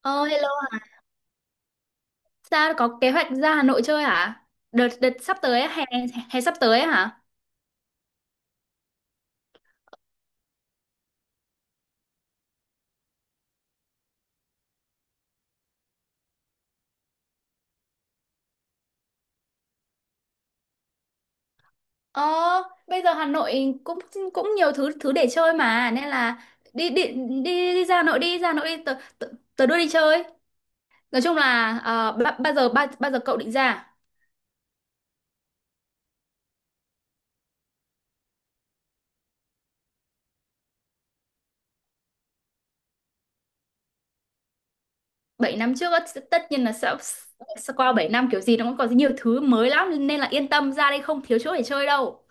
Ờ Hello, sao có kế hoạch ra Hà Nội chơi hả? Đợt đợt sắp tới á, hè hè sắp tới á hả? Ờ, Bây giờ Hà Nội cũng cũng nhiều thứ thứ để chơi mà nên là đi đi đi, đi ra Hà Nội, đi ra Hà Nội đi. Tớ đưa đi chơi. Nói chung là bao giờ, bao giờ cậu định ra? Bảy năm trước á, tất nhiên là sẽ qua 7 năm kiểu gì nó cũng còn nhiều thứ mới lắm nên là yên tâm, ra đây không thiếu chỗ để chơi đâu.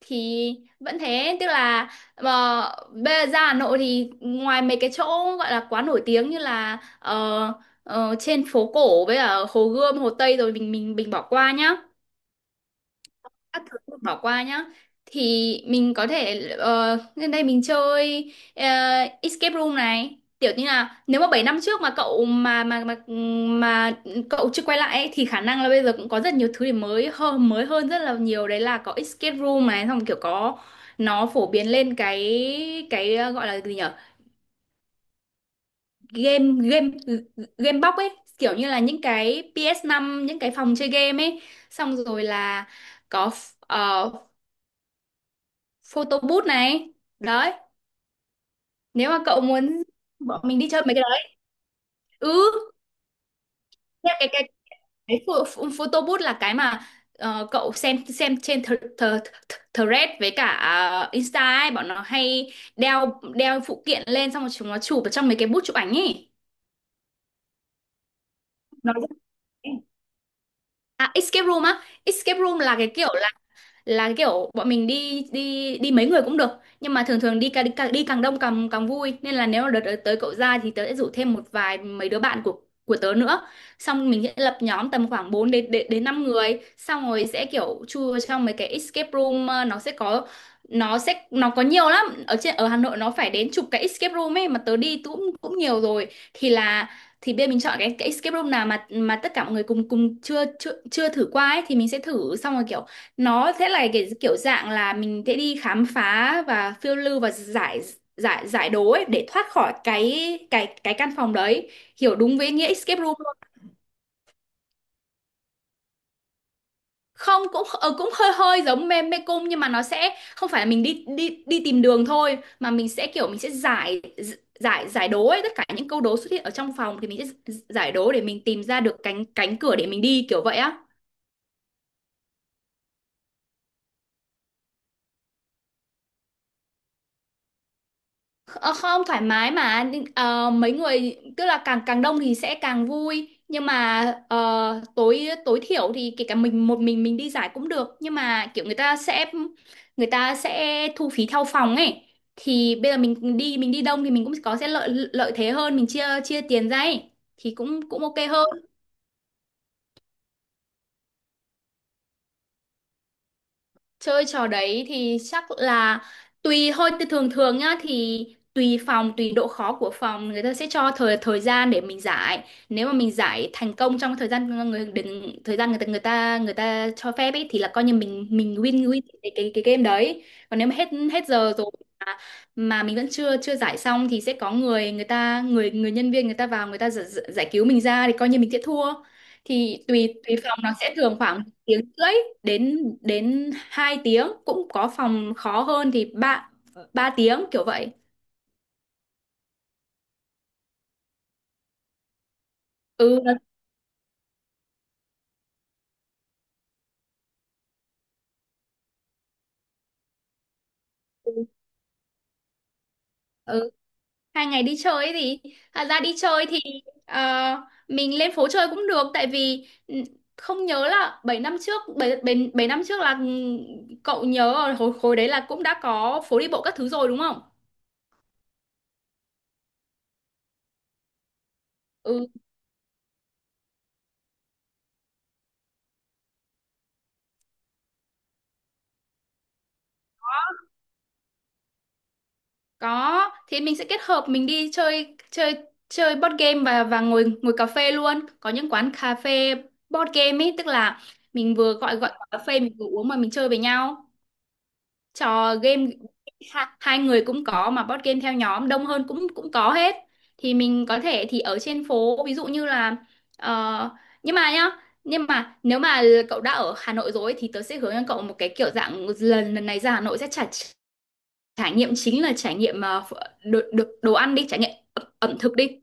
Thì vẫn thế, tức là mà bây giờ ra Hà Nội thì ngoài mấy cái chỗ gọi là quá nổi tiếng như là trên phố cổ với ở Hồ Gươm, Hồ Tây rồi mình bỏ qua nhá, các thứ mình bỏ qua nhá, thì mình có thể lên đây mình chơi escape room này, kiểu như là nếu mà 7 năm trước mà cậu chưa quay lại ấy, thì khả năng là bây giờ cũng có rất nhiều thứ để mới hơn, mới hơn rất là nhiều đấy. Là có escape room này, xong kiểu có nó phổ biến lên cái gọi là gì nhở, game game game box ấy, kiểu như là những cái ps năm, những cái phòng chơi game ấy. Xong rồi là có ờ, photo booth này đấy, nếu mà cậu muốn bọn mình đi chơi mấy cái đấy. ừ cái cái cái, cái photo booth là cái mà cậu xem trên th th th thread với cả Insta ấy, bọn nó hay đeo đeo phụ kiện lên xong rồi chúng nó chụp ở trong mấy cái booth chụp ảnh ấy. Nó- À, escape room á, escape room là cái kiểu là kiểu bọn mình đi đi đi mấy người cũng được, nhưng mà thường thường đi càng, đi càng đông càng càng vui, nên là nếu mà đợt tới cậu ra thì tớ sẽ rủ thêm một vài mấy đứa bạn của tớ nữa, xong mình sẽ lập nhóm tầm khoảng 4 đến đến, đến 5 người, xong rồi sẽ kiểu chui trong mấy cái escape room. Ờ, nó sẽ có nó có nhiều lắm, ở trên ở Hà Nội nó phải đến chục cái escape room ấy, mà tớ đi cũng cũng nhiều rồi. Thì là thì bây giờ mình chọn cái escape room nào mà tất cả mọi người cùng cùng chưa chưa chưa thử qua ấy, thì mình sẽ thử. Xong rồi kiểu nó sẽ là cái kiểu dạng là mình sẽ đi khám phá và phiêu lưu và giải giải giải đố ấy để thoát khỏi cái căn phòng đấy, hiểu đúng với nghĩa escape room luôn. Không, cũng cũng hơi hơi giống mê mê cung, nhưng mà nó sẽ không phải là mình đi đi đi tìm đường thôi mà mình sẽ kiểu mình sẽ giải giải giải đố ấy, tất cả những câu đố xuất hiện ở trong phòng thì mình sẽ giải đố để mình tìm ra được cánh cánh cửa để mình đi, kiểu vậy á. Ờ, không, thoải mái mà. Nhưng, mấy người tức là càng càng đông thì sẽ càng vui, nhưng mà tối, tối thiểu thì kể cả mình một mình đi giải cũng được, nhưng mà kiểu người ta sẽ thu phí theo phòng ấy. Thì bây giờ mình đi, mình đi đông thì mình cũng có sẽ lợi, lợi thế hơn, mình chia chia tiền ra ấy, thì cũng cũng ok hơn. Chơi trò đấy thì chắc là tùy thôi, thì thường thường nhá, thì tùy phòng, tùy độ khó của phòng người ta sẽ cho thời, thời gian để mình giải. Nếu mà mình giải thành công trong thời gian người đừng thời gian người ta cho phép ấy thì là coi như mình win, cái game đấy. Còn nếu mà hết, hết giờ rồi mà, mà mình vẫn chưa, chưa giải xong thì sẽ có người, người ta người người nhân viên người ta vào người ta giải, giải cứu mình ra, thì coi như mình sẽ thua. Thì tùy, tùy phòng nó sẽ thường khoảng tiếng rưỡi đến đến 2 tiếng, cũng có phòng khó hơn thì ba, ba tiếng kiểu vậy. Ừ, ừ. Hai ngày đi chơi ấy thì thật ra đi chơi thì ờ, mình lên phố chơi cũng được tại vì ừ, không nhớ là 7 năm trước, 7 7 7 năm trước là ừ, cậu nhớ ở hồi khối đấy là cũng đã có phố đi bộ các thứ rồi đúng không. Ừ. Có, thì mình sẽ kết hợp mình đi chơi chơi chơi board game và ngồi, ngồi cà phê luôn. Có những quán cà phê board game ấy, tức là mình vừa gọi gọi cà phê mình vừa uống mà mình chơi với nhau. Trò game hai người cũng có, mà board game theo nhóm đông hơn cũng cũng có hết. Thì mình có thể thì ở trên phố ví dụ như là ờ, nhưng mà nhá, nhưng mà nếu mà cậu đã ở Hà Nội rồi ấy, thì tớ sẽ hướng cho cậu một cái kiểu dạng lần, lần này ra Hà Nội sẽ trả, trải nghiệm chính là trải nghiệm đồ, đồ ăn, đi trải nghiệm ẩm, ẩm thực đi,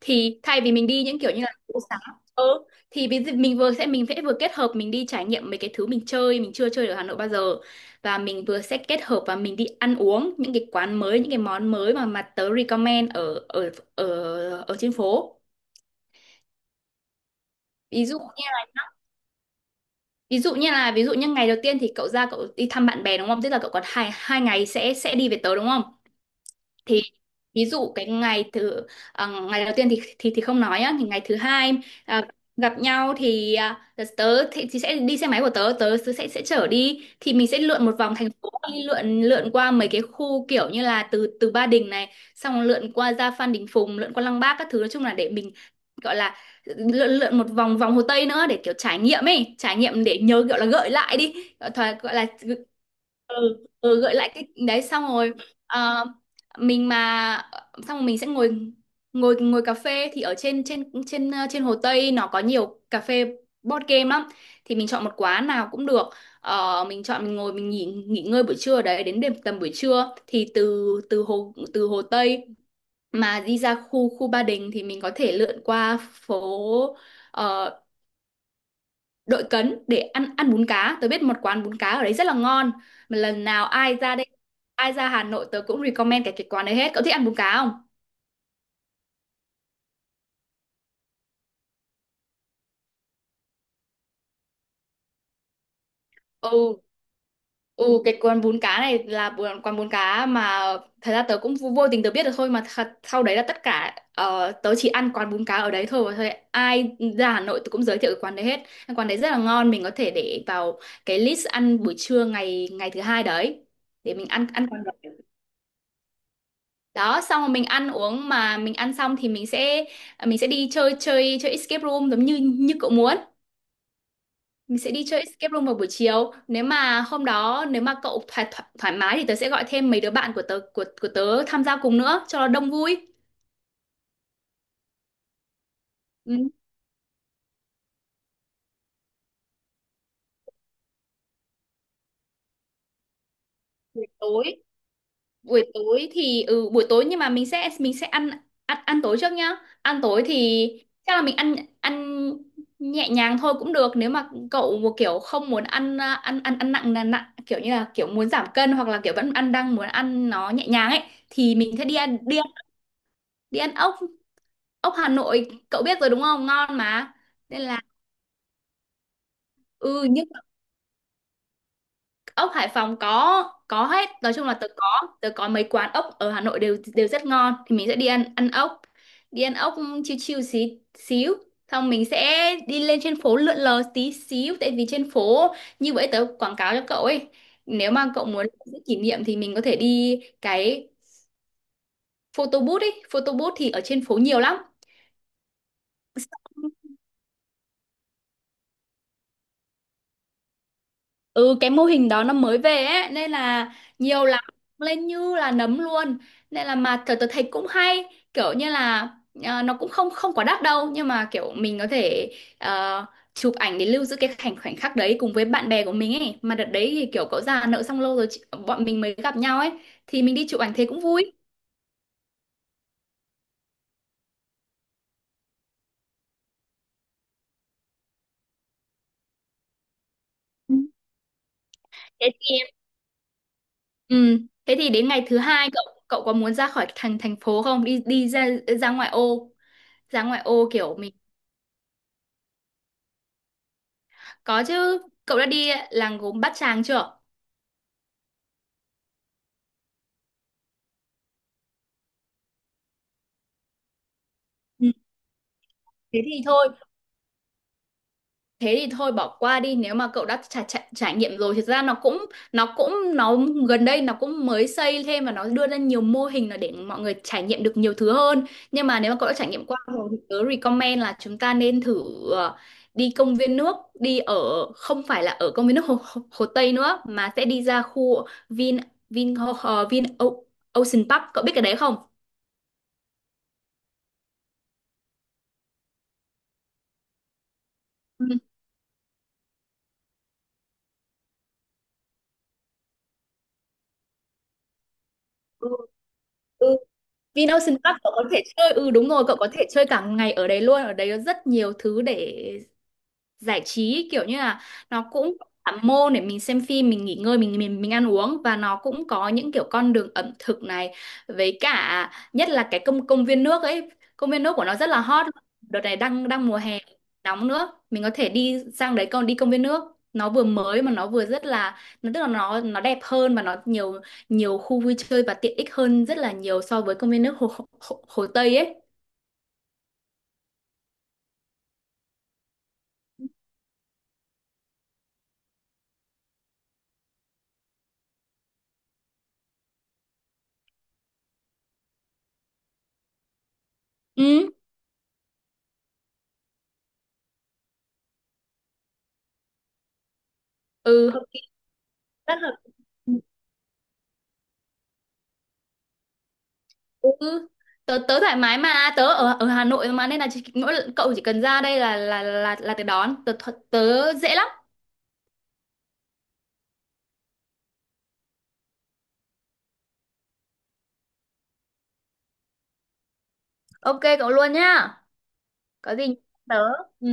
thì thay vì mình đi những kiểu như là phố xá. Ừ, thì ví dụ mình vừa sẽ mình sẽ vừa kết hợp mình đi trải nghiệm mấy cái thứ mình chơi mình chưa chơi ở Hà Nội bao giờ, và mình vừa sẽ kết hợp và mình đi ăn uống những cái quán mới, những cái món mới mà tớ recommend ở ở ở ở trên phố. Ví dụ như là ví dụ như ngày đầu tiên thì cậu ra cậu đi thăm bạn bè đúng không, tức là cậu còn hai hai ngày sẽ đi về tớ đúng không. Thì ví dụ cái ngày thứ, à, ngày đầu tiên thì không nói nhá, thì ngày thứ hai, à, gặp nhau thì à, tớ thì sẽ đi xe máy của tớ, tớ sẽ chở đi, thì mình sẽ lượn một vòng thành phố, đi lượn, lượn qua mấy cái khu kiểu như là từ từ Ba Đình này, xong lượn qua ra Phan Đình Phùng, lượn qua Lăng Bác các thứ. Nói chung là để mình gọi là lượn, một vòng, vòng Hồ Tây nữa, để kiểu trải nghiệm ấy, trải nghiệm để nhớ, gọi là gợi lại đi, gọi, gọi là ừ, ừ gợi lại cái đấy. Xong rồi ờ, mình mà xong rồi mình sẽ ngồi ngồi ngồi cà phê thì ở trên trên trên trên Hồ Tây nó có nhiều cà phê board game lắm, thì mình chọn một quán nào cũng được. Ờ, mình chọn mình ngồi mình nghỉ, nghỉ ngơi buổi trưa ở đấy đến đêm, tầm buổi trưa thì từ từ Hồ Tây mà đi ra khu khu Ba Đình thì mình có thể lượn qua phố ờ, Đội Cấn để ăn ăn bún cá. Tớ biết một quán bún cá ở đấy rất là ngon mà lần nào ai ra đây, ai ra Hà Nội tớ cũng recommend cái quán đấy hết. Cậu thích ăn bún cá không? Ừ, ừ cái quán bún cá này là quán bún cá mà thật ra tớ cũng vô, vô tình tớ biết được thôi, mà thật, sau đấy là tất cả tớ chỉ ăn quán bún cá ở đấy thôi, và thôi ai ra Hà Nội tớ cũng giới thiệu cái quán đấy hết. Cái quán đấy rất là ngon, mình có thể để vào cái list ăn buổi trưa ngày ngày thứ hai đấy để mình ăn ăn quán đấy. Đó, xong rồi mình ăn uống, mà mình ăn xong thì mình sẽ à, mình sẽ đi chơi chơi chơi escape room giống như như cậu muốn, mình sẽ đi chơi escape room vào buổi chiều. Nếu mà hôm đó nếu mà cậu thoải thoải, thoải mái thì tớ sẽ gọi thêm mấy đứa bạn của tớ tham gia cùng nữa cho nó đông vui. Ừ. buổi tối buổi tối thì ừ buổi tối nhưng mà mình sẽ ăn ăn ăn tối trước nhá. Ăn tối thì chắc là mình ăn ăn nhẹ nhàng thôi cũng được, nếu mà cậu một kiểu không muốn ăn, à, ăn ăn ăn nặng, là nặng kiểu như là kiểu muốn giảm cân, hoặc là kiểu vẫn ăn đang muốn ăn nó nhẹ nhàng ấy, thì mình sẽ đi ăn ốc. Ốc Hà Nội cậu biết rồi đúng không, ngon mà, nên là ừ. Nhưng ốc Hải Phòng có hết. Nói chung là tớ có, tớ có mấy quán ốc ở Hà Nội đều đều rất ngon, thì mình sẽ đi ăn ăn ốc. Đi ăn ốc chiêu chiêu xí xíu xong mình sẽ đi lên trên phố lượn lờ tí xíu, tại vì trên phố như vậy tớ quảng cáo cho cậu ấy. Nếu mà cậu muốn giữ kỷ niệm thì mình có thể đi cái photo booth ấy. Photo booth thì ở trên phố nhiều lắm. Ừ, cái mô hình đó nó mới về ấy nên là nhiều lắm, lên như là nấm luôn. Nên là mà tớ thấy cũng hay, kiểu như là, à, nó cũng không không quá đắt đâu, nhưng mà kiểu mình có thể, ờ, chụp ảnh để lưu giữ cái khoảnh khoảnh khắc đấy cùng với bạn bè của mình ấy, mà đợt đấy thì kiểu cậu già nợ xong lâu rồi bọn mình mới gặp nhau ấy, thì mình đi chụp ảnh thế cũng vui. Ừ. Thế thì ừ, thế thì đến ngày thứ hai cậu cậu có muốn ra khỏi thành thành phố không, đi đi ra ra ngoại ô, ra ngoại ô kiểu mình. Có chứ, cậu đã đi làng gốm Bát Tràng chưa? Ừ, thế thì thôi. Thế thì thôi bỏ qua đi, nếu mà cậu đã trải nghiệm rồi thì thực ra nó cũng nó gần đây nó cũng mới xây thêm, và nó đưa ra nhiều mô hình là để mọi người trải nghiệm được nhiều thứ hơn. Nhưng mà nếu mà cậu đã trải nghiệm qua rồi thì tớ recommend là chúng ta nên thử, ờ, đi công viên nước, đi ở, không phải là ở công viên nước Hồ Tây nữa, mà sẽ đi ra khu Vin Vin Ho- Ho- Vin O- Ocean Park. Cậu biết cái đấy không? Ừ. Ừ. Vinocean Park cậu có thể chơi, ừ đúng rồi, cậu có thể chơi cả ngày ở đấy luôn, ở đấy có rất nhiều thứ để giải trí, kiểu như là nó cũng có cả môn để mình xem phim, mình nghỉ ngơi, mình mình ăn uống, và nó cũng có những kiểu con đường ẩm thực này, với cả nhất là cái công công viên nước ấy. Công viên nước của nó rất là hot. Đợt này đang đang mùa hè nóng nữa, mình có thể đi sang đấy còn đi công viên nước. Nó vừa mới, mà nó vừa rất là nó, tức là nó đẹp hơn và nó nhiều nhiều khu vui chơi và tiện ích hơn rất là nhiều so với công viên nước hồ Tây ấy. Ừ. Ừ. Ừ, tớ tớ thoải mái mà, tớ ở ở Hà Nội mà, nên là chỉ, cậu chỉ cần ra đây là tớ đón, tớ tớ tớ dễ lắm. Ok cậu luôn nhá, có gì nhắn tớ. Ừ.